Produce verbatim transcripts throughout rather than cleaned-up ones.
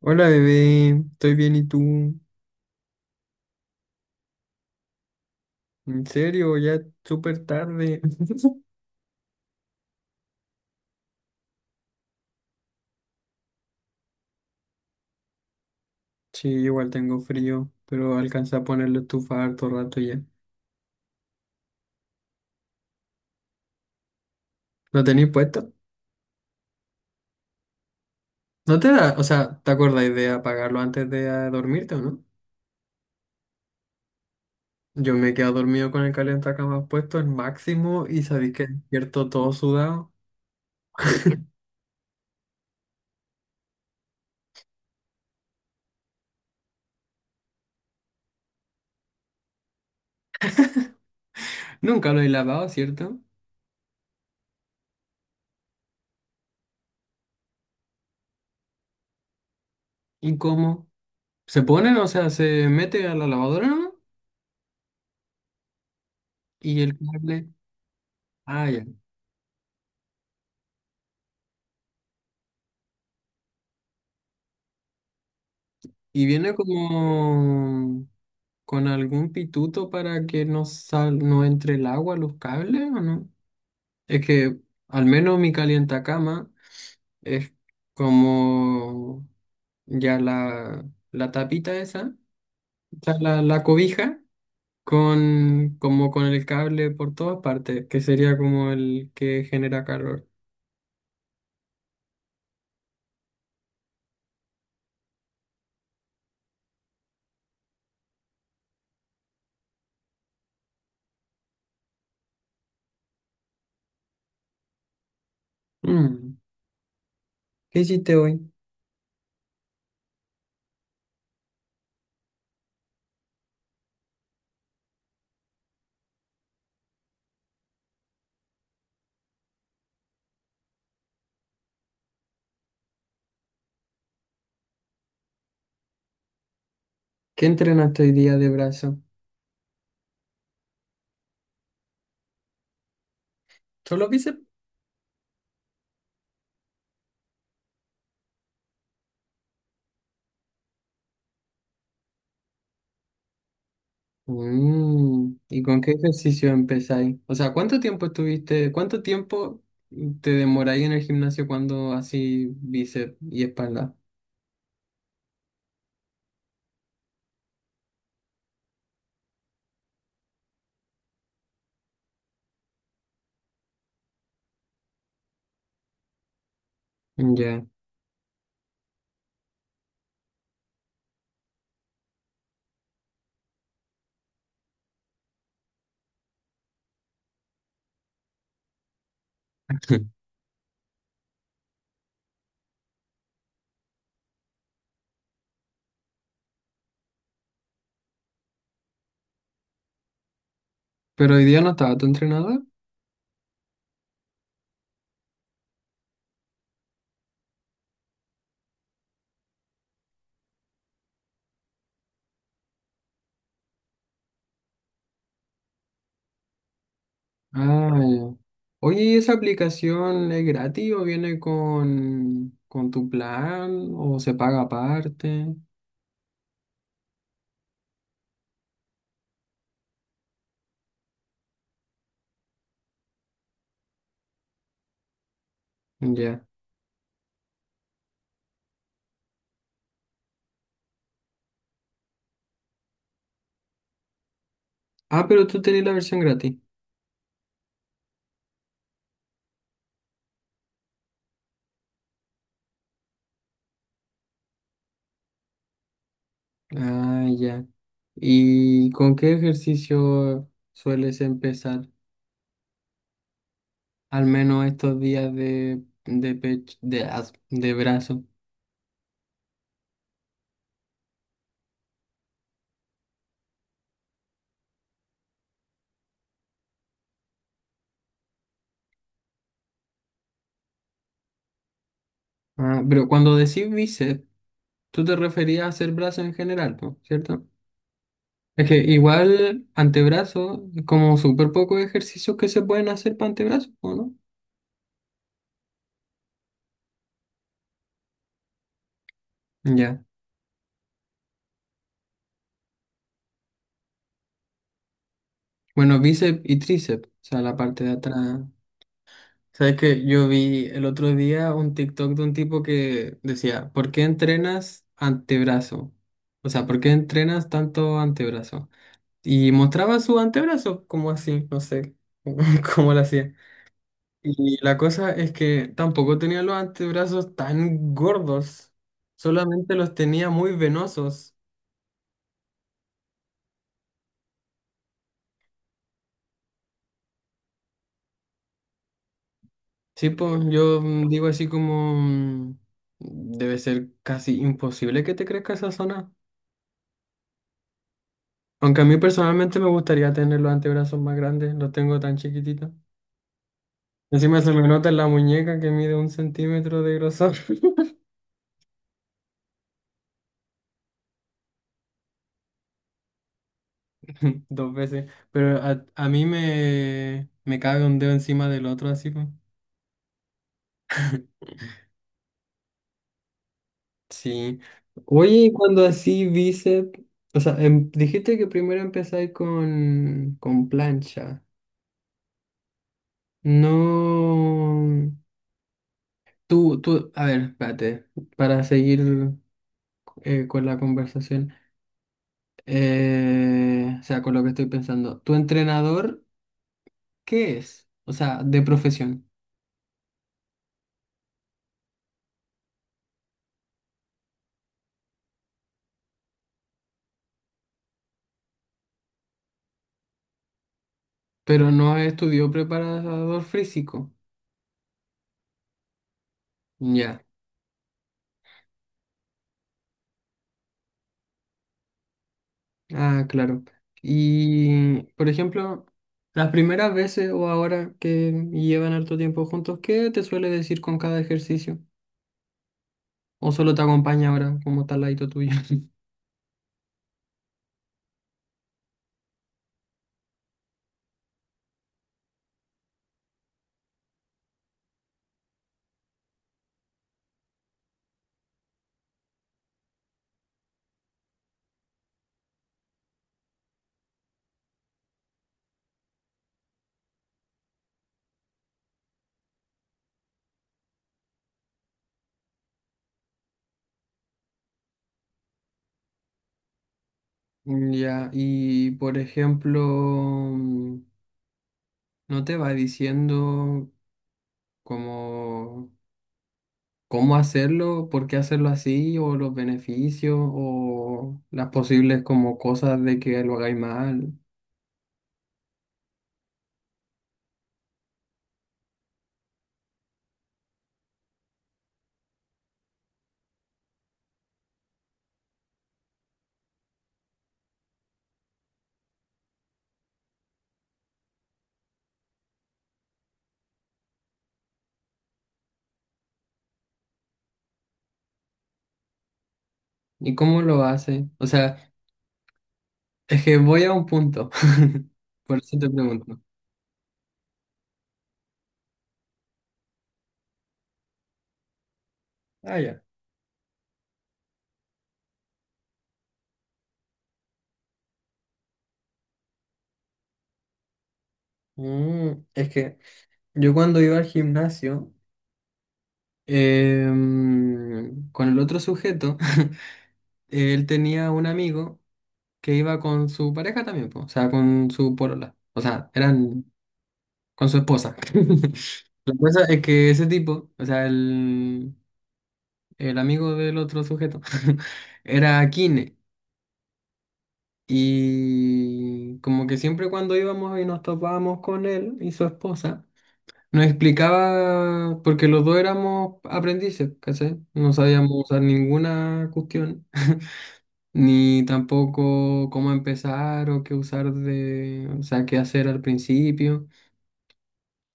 Hola bebé, estoy bien y tú. ¿En serio? Ya es súper tarde. Sí, igual tengo frío, pero alcancé a poner la estufa harto rato ya. ¿Lo tenéis puesto? ¿No te da, o sea, te acordáis de apagarlo antes de ah, dormirte o no? Yo me he quedado dormido con el calentacamas puesto al máximo y sabéis que despierto todo sudado. Nunca lo he lavado, ¿cierto? ¿Y cómo? ¿Se ponen? O sea, se mete a la lavadora, ¿no? Y el cable. Ah, ya. Y viene como con algún pituto para que no sal, no entre el agua a los cables, ¿o no? Es que al menos mi cama es como ya la, la tapita esa, o sea, la, la cobija, con, como con el cable por todas partes, que sería como el que genera calor. Mm, ¿Qué hiciste hoy? ¿Qué entrenaste hoy día de brazo? Solo vi. Mm, ¿y con qué ejercicio empezáis? O sea, ¿cuánto tiempo estuviste, cuánto tiempo te demoráis en el gimnasio cuando así bíceps y espalda? Ya. Pero hoy día no estaba tu entrenador. Ah, ya. Oye, ¿y esa aplicación es gratis o viene con, con tu plan o se paga aparte? Ya. Ah, pero tú tenés la versión gratis. Ah, ya. ¿Y con qué ejercicio sueles empezar? Al menos estos días de, de pecho, de, as- de brazo. Ah, pero cuando decís bíceps, tú te referías a hacer brazo en general, ¿no? ¿Cierto? Es que igual antebrazo, como súper pocos ejercicios que se pueden hacer para antebrazo, ¿o no? Ya. Bueno, bíceps y tríceps, o sea, la parte de atrás. ¿Sabes que yo vi el otro día un TikTok de un tipo que decía, ¿por qué entrenas antebrazo? O sea, ¿por qué entrenas tanto antebrazo? Y mostraba su antebrazo, como así, no sé cómo lo hacía. Y la cosa es que tampoco tenía los antebrazos tan gordos, solamente los tenía muy venosos. Sí, pues yo mm, digo así como, mm, debe ser casi imposible que te crezca esa zona. Aunque a mí personalmente me gustaría tener los antebrazos más grandes, los tengo tan chiquititos. Encima se me nota en la muñeca que mide un centímetro de grosor. Dos veces. Pero a, a mí me, me cabe un dedo encima del otro, así pues. Sí. Oye, y cuando así bíceps, o sea, em- dijiste que primero empezáis con, con plancha. No. Tú, tú, a ver, espérate, para seguir eh, con la conversación. Eh, o sea, con lo que estoy pensando. ¿Tu entrenador qué es? O sea, de profesión, pero no estudió preparador físico. Ya. Ah, claro. Y, por ejemplo, las primeras veces o ahora que llevan harto tiempo juntos, ¿qué te suele decir con cada ejercicio? ¿O solo te acompaña ahora como tal ladito tuyo? Mm, Ya, y por ejemplo, mm, ¿no te va diciendo como cómo hacerlo, por qué hacerlo así, o los beneficios, o las posibles como cosas de que lo hagáis mal? ¿Y cómo lo hace? O sea, es que voy a un punto. Por eso te pregunto. Ah, ya. Mm, es que yo cuando iba al gimnasio, Em, con el otro sujeto, él tenía un amigo que iba con su pareja también, po, o sea, con su porola. O sea, eran con su esposa. La cosa es que ese tipo, o sea, el, el amigo del otro sujeto, era kine. Y como que siempre cuando íbamos y nos topábamos con él y su esposa, nos explicaba, porque los dos éramos aprendices, ¿cachai? No sabíamos usar ninguna cuestión, ni tampoco cómo empezar o qué usar de, o sea, qué hacer al principio.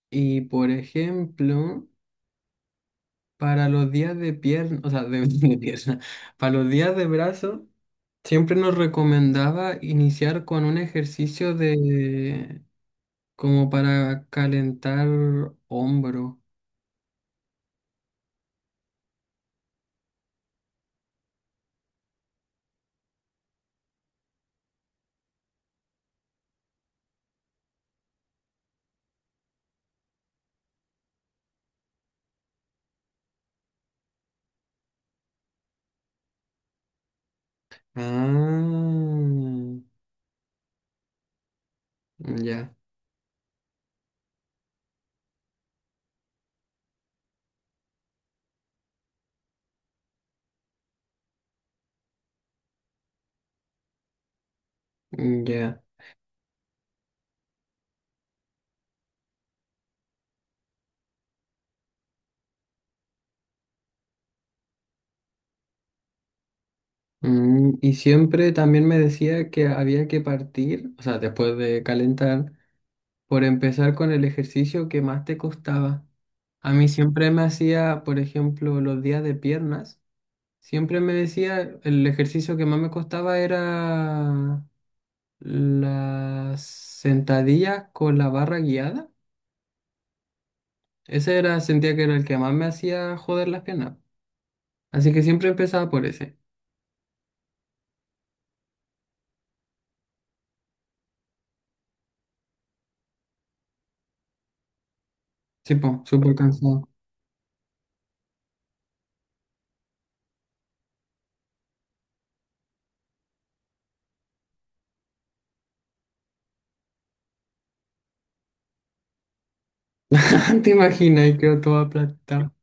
Y por ejemplo, para los días de pierna, o sea, de, de pierna, para los días de brazo, siempre nos recomendaba iniciar con un ejercicio de. Como para calentar hombro. Ah, ya, ya. Mm, y siempre también me decía que había que partir, o sea, después de calentar, por empezar con el ejercicio que más te costaba. A mí siempre me hacía, por ejemplo, los días de piernas, siempre me decía el ejercicio que más me costaba era las sentadillas con la barra guiada. Ese era, sentía que era el que más me hacía joder las piernas. Así que siempre empezaba por ese. Sí, po, súper cansado. ¿Te imaginas? Y quedó todo aplastado.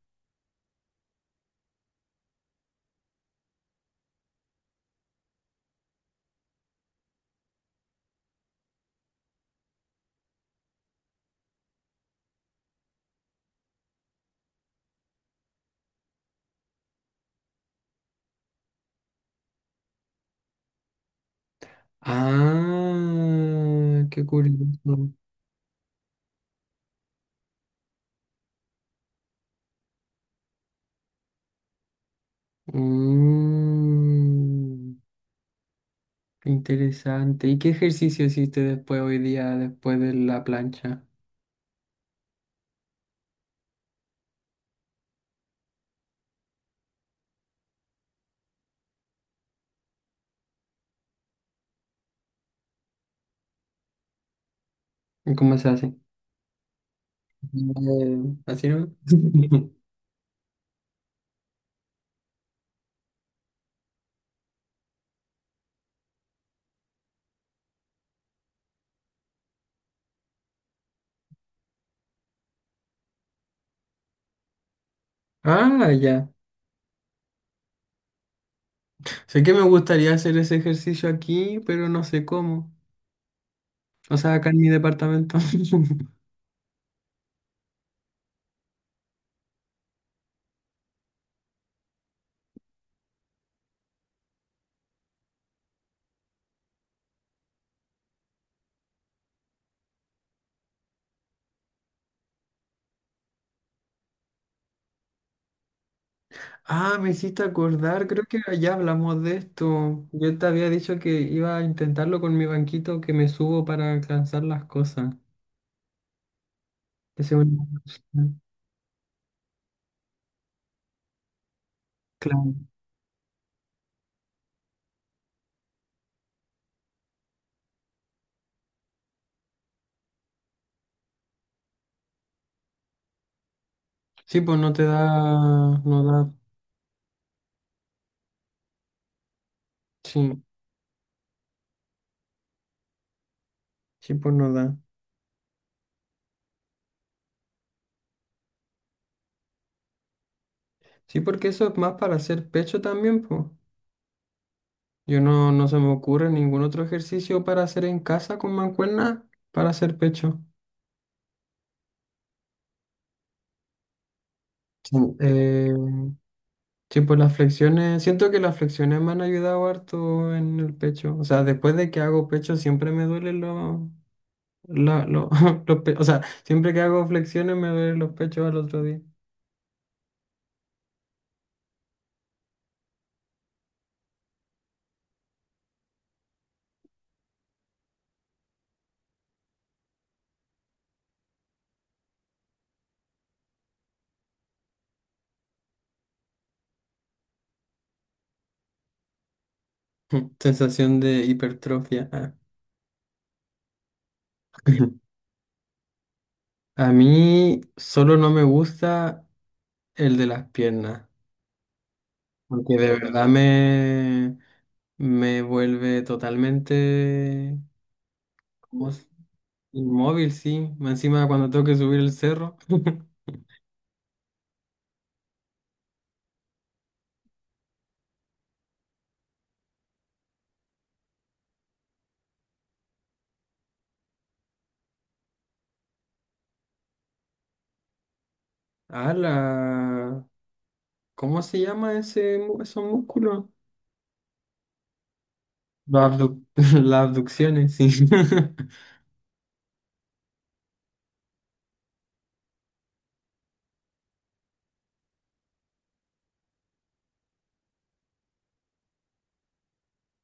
Ah, qué curioso. Mm, interesante. ¿Y qué ejercicio hiciste después hoy día, después de la plancha? ¿Y cómo se hace? Eh, ¿así no? Ah, ya. Sé que me gustaría hacer ese ejercicio aquí, pero no sé cómo. O sea, acá en mi departamento. Ah, me hiciste acordar, creo que ya hablamos de esto. Yo te había dicho que iba a intentarlo con mi banquito que me subo para alcanzar las cosas. Esa es una opción. Claro. Sí, pues no te da, no da. Sí, sí, pues no da. Sí, porque eso es más para hacer pecho también, pues. Yo no, no se me ocurre ningún otro ejercicio para hacer en casa con mancuerna para hacer pecho. Sí. Eh, Sí, pues las flexiones, siento que las flexiones me han ayudado harto en el pecho. O sea, después de que hago pecho siempre me duelen los, la- lo- los pe- O sea, siempre que hago flexiones me duelen los pechos al otro día. Sensación de hipertrofia, ah. A mí solo no me gusta el de las piernas, porque de verdad me, me vuelve totalmente como s- inmóvil, sí. Más encima cuando tengo que subir el cerro. Ah, la... ¿Cómo se llama ese, mu- esos músculos? Las abdu- las abducciones, sí.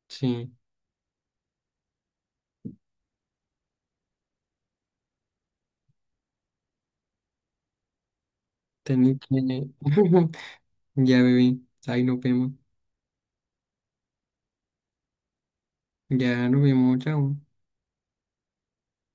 Sí, tenés que... Ya, bebé, ahí nos vemos. Ya nos vemos, chao.